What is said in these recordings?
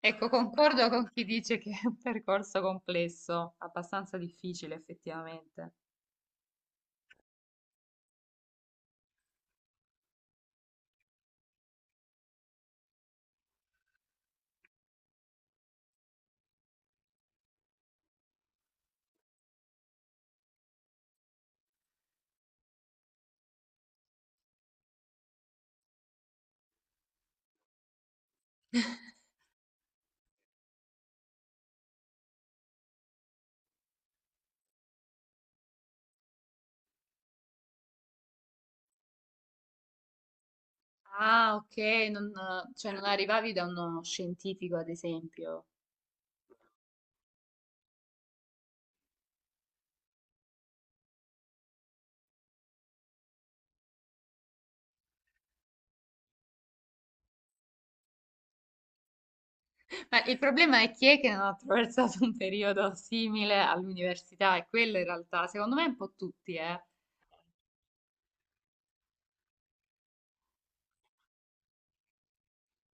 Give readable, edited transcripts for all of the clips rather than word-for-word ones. Ecco, concordo con chi dice che è un percorso complesso, abbastanza difficile effettivamente. Ah, ok, non, cioè non arrivavi da uno scientifico, ad esempio. Ma il problema è chi è che non ha attraversato un periodo simile all'università, e quello in realtà, secondo me, è un po' tutti, eh.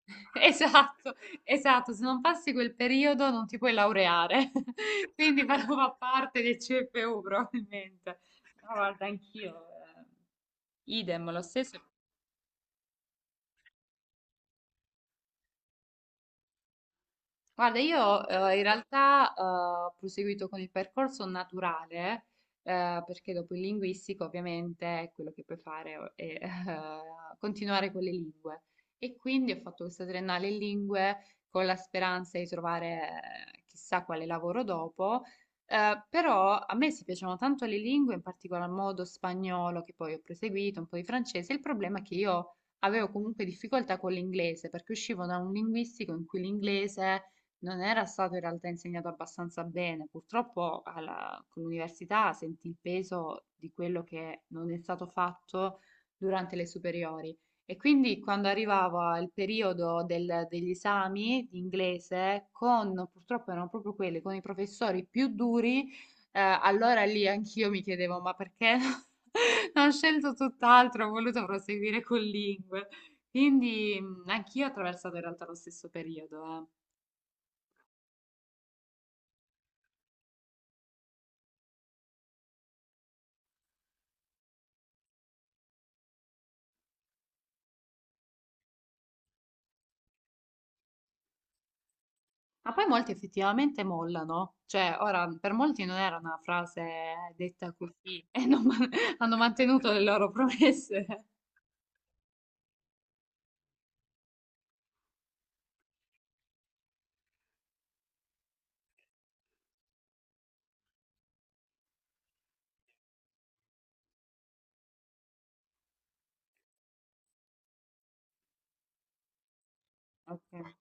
Esatto, esatto, se non passi quel periodo non ti puoi laureare, quindi fa parte del CFU probabilmente. No, guarda, anch'io, idem, lo stesso. Guarda, io in realtà ho proseguito con il percorso naturale, perché dopo il linguistico ovviamente quello che puoi fare è continuare con le lingue. E quindi ho fatto questa triennale in lingue con la speranza di trovare chissà quale lavoro dopo. Però a me si piacevano tanto le lingue, in particolar modo spagnolo, che poi ho proseguito, un po' di francese. Il problema è che io avevo comunque difficoltà con l'inglese, perché uscivo da un linguistico in cui l'inglese non era stato in realtà insegnato abbastanza bene. Purtroppo con l'università sentì il peso di quello che non è stato fatto durante le superiori. E quindi quando arrivava il periodo degli esami di inglese, purtroppo erano proprio quelli, con i professori più duri, allora lì anch'io mi chiedevo, ma perché non ho scelto tutt'altro, ho voluto proseguire con lingue. Quindi anch'io ho attraversato in realtà lo stesso periodo, eh. Ma poi molti effettivamente mollano, cioè ora per molti non era una frase detta così e non hanno mantenuto le loro promesse. Ok.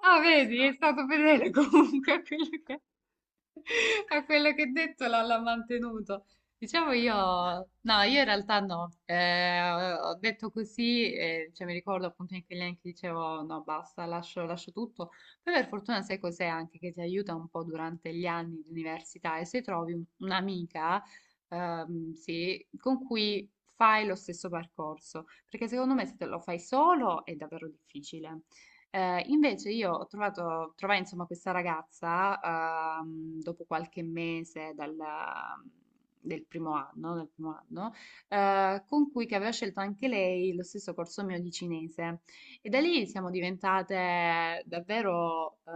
Ah, vedi, è stato fedele comunque a quello che, a quello che ha detto, l'ha mantenuto. Diciamo io, no, io in realtà no, ho detto così, cioè mi ricordo appunto in quegli anni che dicevo no, basta, lascio, lascio tutto. Poi per fortuna sai cos'è anche che ti aiuta un po' durante gli anni di università e se trovi un'amica, sì, con cui fai lo stesso percorso, perché secondo me se te lo fai solo è davvero difficile. Invece io ho trovai insomma questa ragazza, dopo qualche mese del primo anno, con cui che aveva scelto anche lei lo stesso corso mio di cinese, e da lì siamo diventate davvero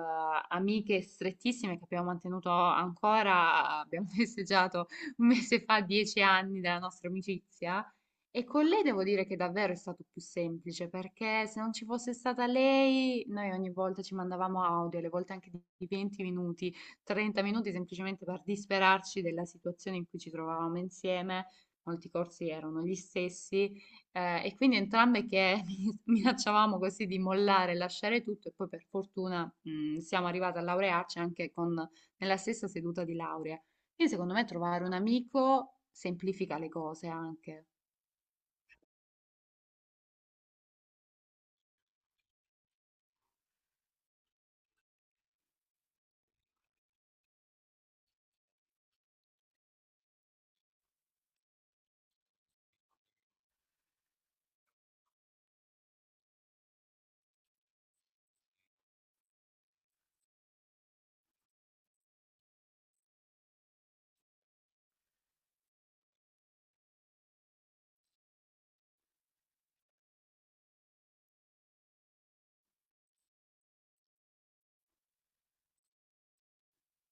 amiche strettissime che abbiamo mantenuto ancora. Abbiamo festeggiato un mese fa 10 anni della nostra amicizia, e con lei devo dire che davvero è stato più semplice, perché se non ci fosse stata lei, noi ogni volta ci mandavamo audio, alle volte anche di 20 minuti, 30 minuti, semplicemente per disperarci della situazione in cui ci trovavamo insieme. Molti corsi erano gli stessi, e quindi entrambe che minacciavamo così di mollare, lasciare tutto, e poi per fortuna, siamo arrivate a laurearci anche nella stessa seduta di laurea. Quindi secondo me trovare un amico semplifica le cose anche.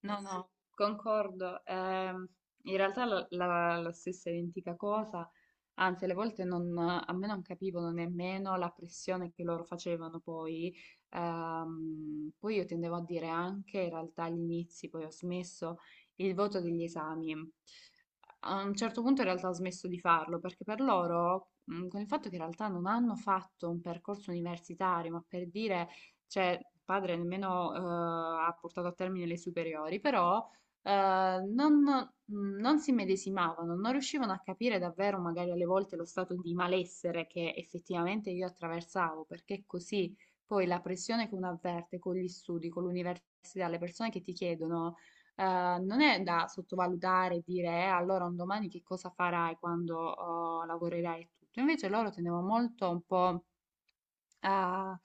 No, no, concordo. In realtà la stessa identica cosa. Anzi, alle volte non, a me non capivano nemmeno la pressione che loro facevano poi. Poi io tendevo a dire anche, in realtà agli inizi, poi ho smesso il voto degli esami. A un certo punto in realtà ho smesso di farlo, perché per loro, con il fatto che in realtà non hanno fatto un percorso universitario, ma per dire, cioè, il padre nemmeno ha portato a termine le superiori, però non si medesimavano, non riuscivano a capire davvero, magari alle volte, lo stato di malessere che effettivamente io attraversavo. Perché così poi la pressione che uno avverte con gli studi, con l'università, le persone che ti chiedono, non è da sottovalutare, e dire allora un domani che cosa farai quando oh, lavorerai e tutto". Invece loro tenevano molto un po' a,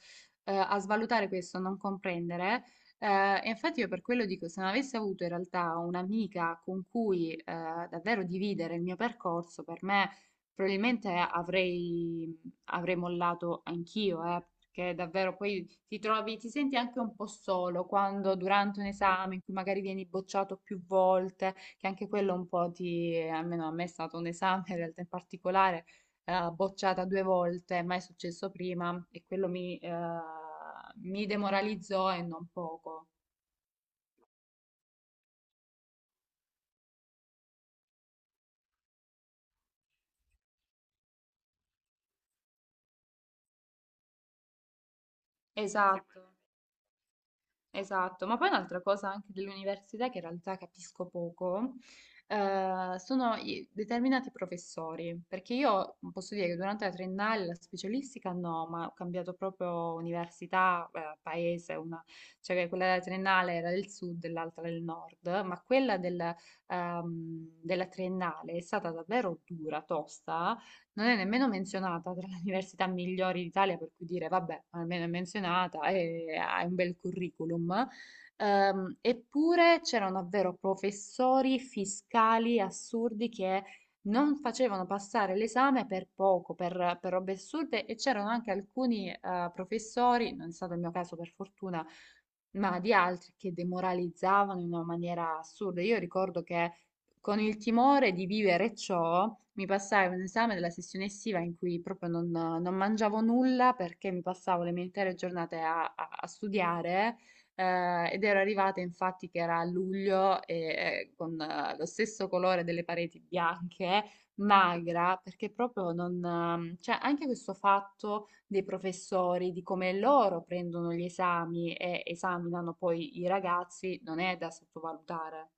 a svalutare questo, a non comprendere. E infatti io per quello dico, se non avessi avuto in realtà un'amica con cui davvero dividere il mio percorso, per me probabilmente avrei mollato anch'io, perché davvero poi ti trovi, ti senti anche un po' solo quando durante un esame in cui magari vieni bocciato più volte. Che anche quello un po' ti, almeno a me, è stato un esame in realtà in particolare, bocciata 2 volte, ma è successo prima, e quello mi demoralizzò e non poco. Esatto. Esatto, ma poi un'altra cosa anche dell'università che in realtà capisco poco, sono determinati professori, perché io posso dire che durante la triennale, la specialistica no, ma ho cambiato proprio università, paese, cioè che quella della triennale era del sud e l'altra del nord, ma quella della triennale è stata davvero dura, tosta, non è nemmeno menzionata tra le università migliori d'Italia, per cui dire, vabbè, almeno è menzionata e hai un bel curriculum. Eppure c'erano davvero professori fiscali assurdi che non facevano passare l'esame per poco, per robe assurde, e c'erano anche alcuni professori, non è stato il mio caso per fortuna, ma di altri che demoralizzavano in una maniera assurda. Io ricordo che, con il timore di vivere ciò, mi passai un esame della sessione estiva in cui proprio non mangiavo nulla, perché mi passavo le mie intere giornate a studiare. Ed ero arrivata infatti che era a luglio e con lo stesso colore delle pareti bianche, magra, perché proprio non, cioè anche questo fatto dei professori, di come loro prendono gli esami e esaminano poi i ragazzi, non è da sottovalutare.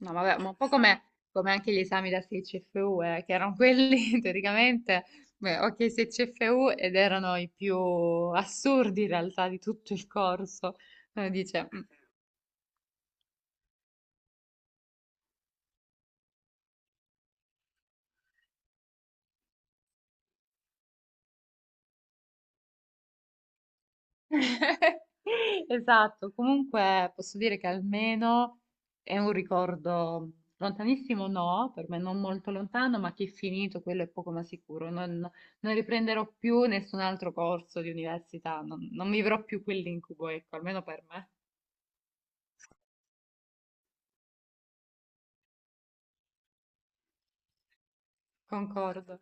No, vabbè, ma un po' come, anche gli esami da 6 CFU, che erano quelli teoricamente, beh, ok, 6 CFU, ed erano i più assurdi in realtà di tutto il corso. Uno dice, Esatto, comunque posso dire che almeno è un ricordo lontanissimo, no, per me non molto lontano, ma che è finito, quello è poco ma sicuro. Non riprenderò più nessun altro corso di università, non vivrò più quell'incubo, ecco, almeno per me. Concordo.